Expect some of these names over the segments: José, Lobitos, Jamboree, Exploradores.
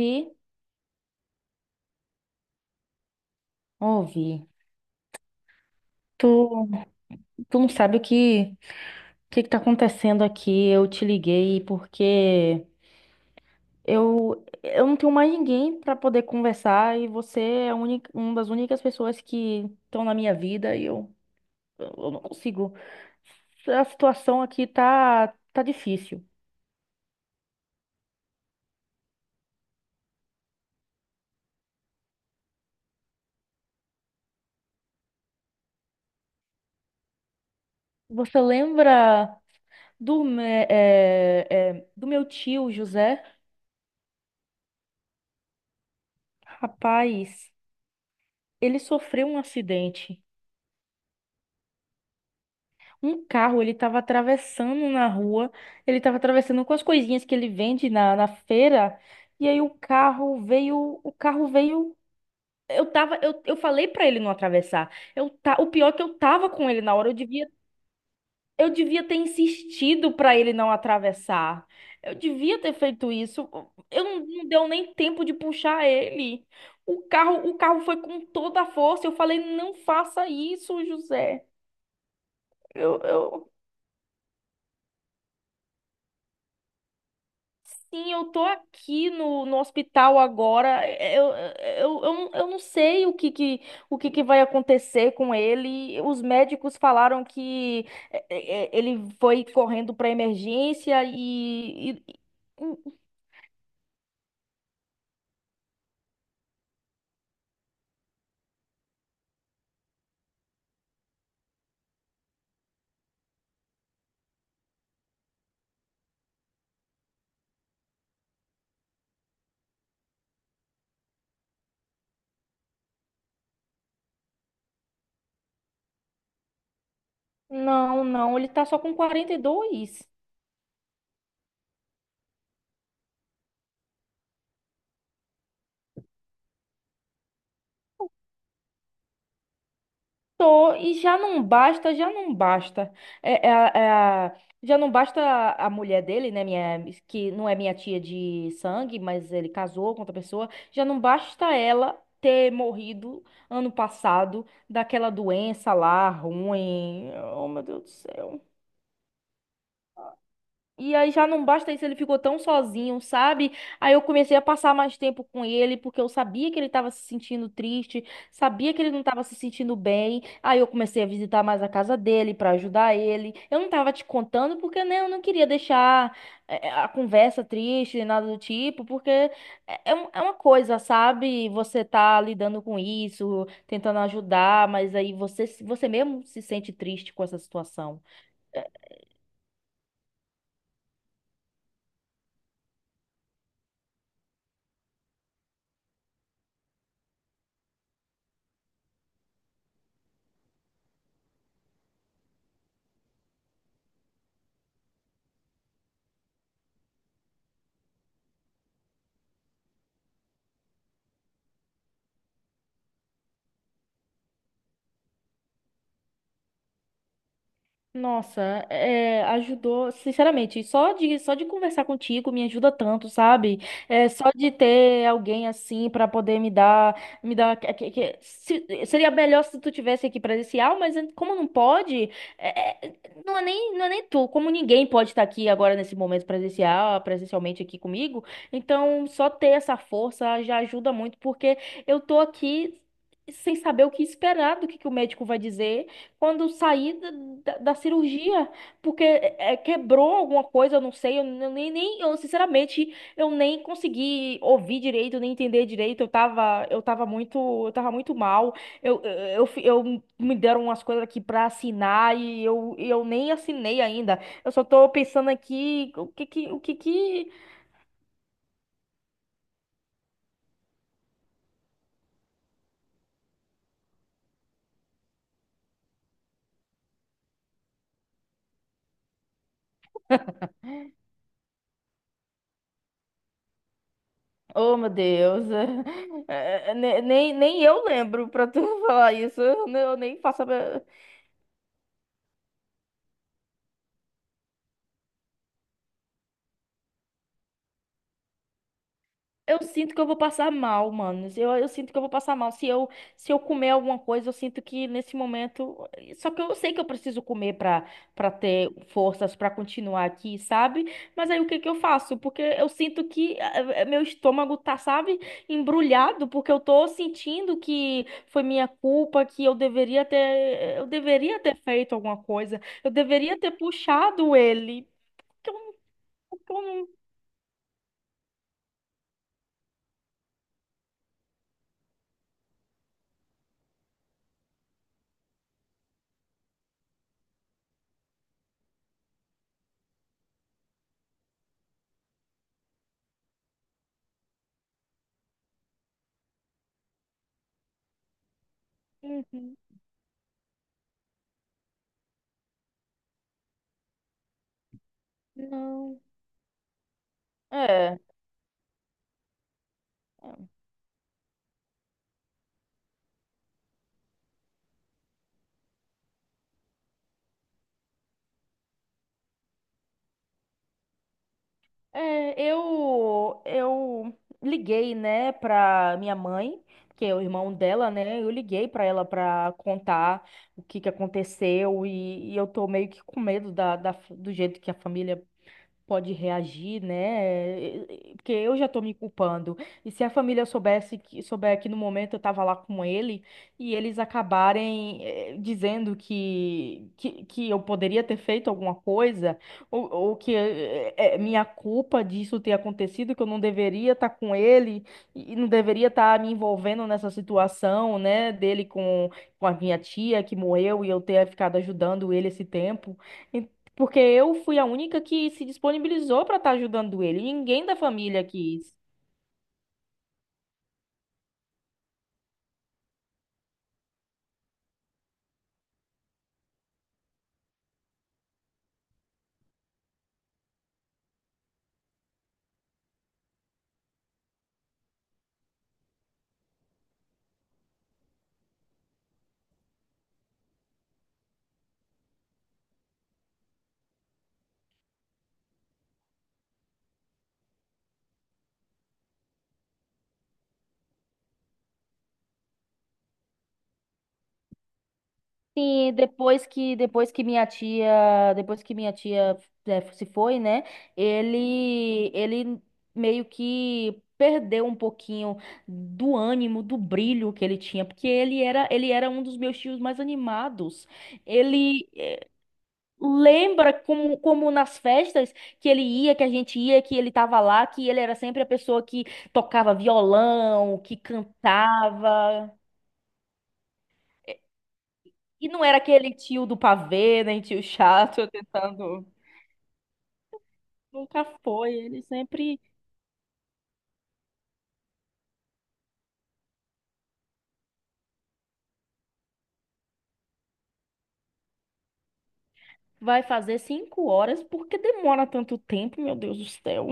Vi, ouvi. Tu, tu não sabe o que que tá acontecendo aqui. Eu te liguei porque eu não tenho mais ninguém pra poder conversar e você é a única, uma das únicas pessoas que estão na minha vida e eu não consigo. A situação aqui tá difícil. Você lembra do, me- é, é, do meu tio José? Rapaz, ele sofreu um acidente. Um carro, ele estava atravessando na rua, ele estava atravessando com as coisinhas que ele vende na feira, e aí o carro veio, o carro veio. Eu falei pra ele não atravessar. O pior é que eu tava com ele na hora. Eu devia ter insistido pra ele não atravessar. Eu devia ter feito isso. Eu não, não deu nem tempo de puxar ele. O carro foi com toda a força. Eu falei, não faça isso, José. Eu Sim, eu tô aqui no hospital agora. Eu não sei o que que vai acontecer com ele. Os médicos falaram que ele foi correndo para emergência. Não, não, ele tá só com 42. Tô, e já não basta, já não basta. É, é a- é a- Já não basta a mulher dele, né? Minha, que não é minha tia de sangue, mas ele casou com outra pessoa. Já não basta ela ter morrido ano passado daquela doença lá ruim. Oh, meu Deus do céu. E aí já não basta isso, ele ficou tão sozinho, sabe? Aí eu comecei a passar mais tempo com ele, porque eu sabia que ele estava se sentindo triste, sabia que ele não estava se sentindo bem. Aí eu comecei a visitar mais a casa dele para ajudar ele. Eu não tava te contando porque né, eu não queria deixar a conversa triste, nada do tipo, porque é uma coisa, sabe? Você tá lidando com isso, tentando ajudar, mas aí você mesmo se sente triste com essa situação. Nossa, ajudou, sinceramente, só de conversar contigo me ajuda tanto, sabe? Só de ter alguém assim pra poder me dar, que- se- seria melhor se tu tivesse aqui presencial, mas como não pode, é, é, não é nem tu, como ninguém pode estar aqui agora nesse momento presencial, presencialmente aqui comigo, então só ter essa força já ajuda muito, porque eu tô aqui sem saber o que esperar do que o médico vai dizer quando saí da cirurgia, porque quebrou alguma coisa, eu não sei, eu sinceramente, eu nem consegui ouvir direito, nem entender direito, eu tava muito mal, eu, eu, me deram umas coisas aqui pra assinar e eu nem assinei ainda, eu só tô pensando aqui. Oh, meu Deus. é, é, ne- nem, nem Eu lembro pra tu falar isso, eu nem faço. Eu sinto que eu vou passar mal, mano. Eu sinto que eu vou passar mal. Se eu comer alguma coisa, eu sinto que nesse momento. Só que eu sei que eu preciso comer pra ter forças pra continuar aqui, sabe? Mas aí o que que eu faço? Porque eu sinto que meu estômago tá, sabe, embrulhado, porque eu tô sentindo que foi minha culpa, que eu deveria ter feito alguma coisa, eu deveria ter puxado ele. Porque eu, não- porque eu não. Uhum. Não. É. É. É, eu liguei, né, pra minha mãe, que é o irmão dela, né? Eu liguei pra ela pra contar o que que aconteceu e eu tô meio que com medo do jeito que a família pode reagir, né? Porque eu já tô me culpando. E se a família soubesse que souber que no momento eu tava lá com ele e eles acabarem dizendo que eu poderia ter feito alguma coisa ou que é minha culpa disso ter acontecido, que eu não deveria estar com ele e não deveria estar me envolvendo nessa situação, né, dele com a minha tia que morreu e eu ter ficado ajudando ele esse tempo. Porque eu fui a única que se disponibilizou para estar ajudando ele. Ninguém da família quis. Sim, depois que minha tia se foi, né? Ele meio que perdeu um pouquinho do ânimo, do brilho que ele tinha, porque ele era um dos meus tios mais animados. Ele Lembra como nas festas que ele ia, que a gente ia, que ele tava lá, que ele era sempre a pessoa que tocava violão, que cantava. E não era aquele tio do pavê, nem tio chato tentando. Nunca foi. Ele sempre vai fazer 5 horas. Por que demora tanto tempo, meu Deus do céu?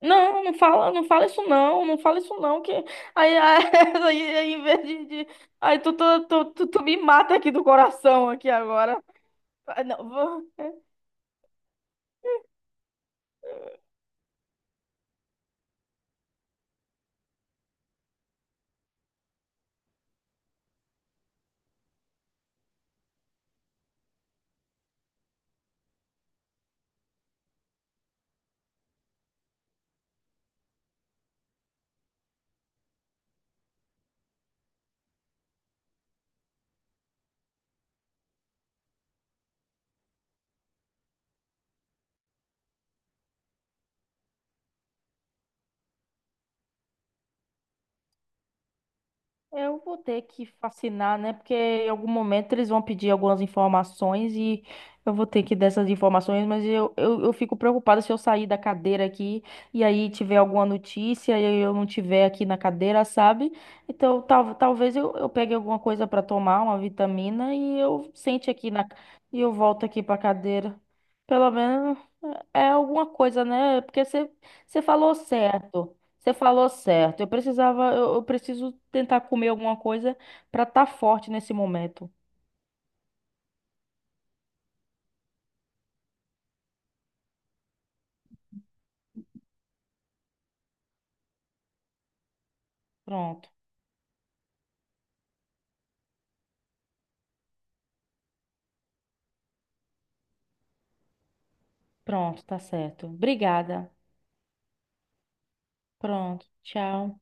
Não, não fala, não fala isso não, não fala isso não, que aí, aí, aí aí em vez de- aí tu me mata aqui do coração aqui agora. Ah, não, eu vou ter que fascinar, né? Porque em algum momento eles vão pedir algumas informações e eu vou ter que dar essas informações, mas eu fico preocupada se eu sair da cadeira aqui e aí tiver alguma notícia e eu não tiver aqui na cadeira, sabe? Então talvez eu pegue alguma coisa para tomar, uma vitamina, e eu volto aqui para cadeira. Pelo menos. É alguma coisa, né? Porque você falou certo. Você falou certo. Eu preciso tentar comer alguma coisa pra estar forte nesse momento. Pronto, pronto, tá certo. Obrigada. Pronto, tchau.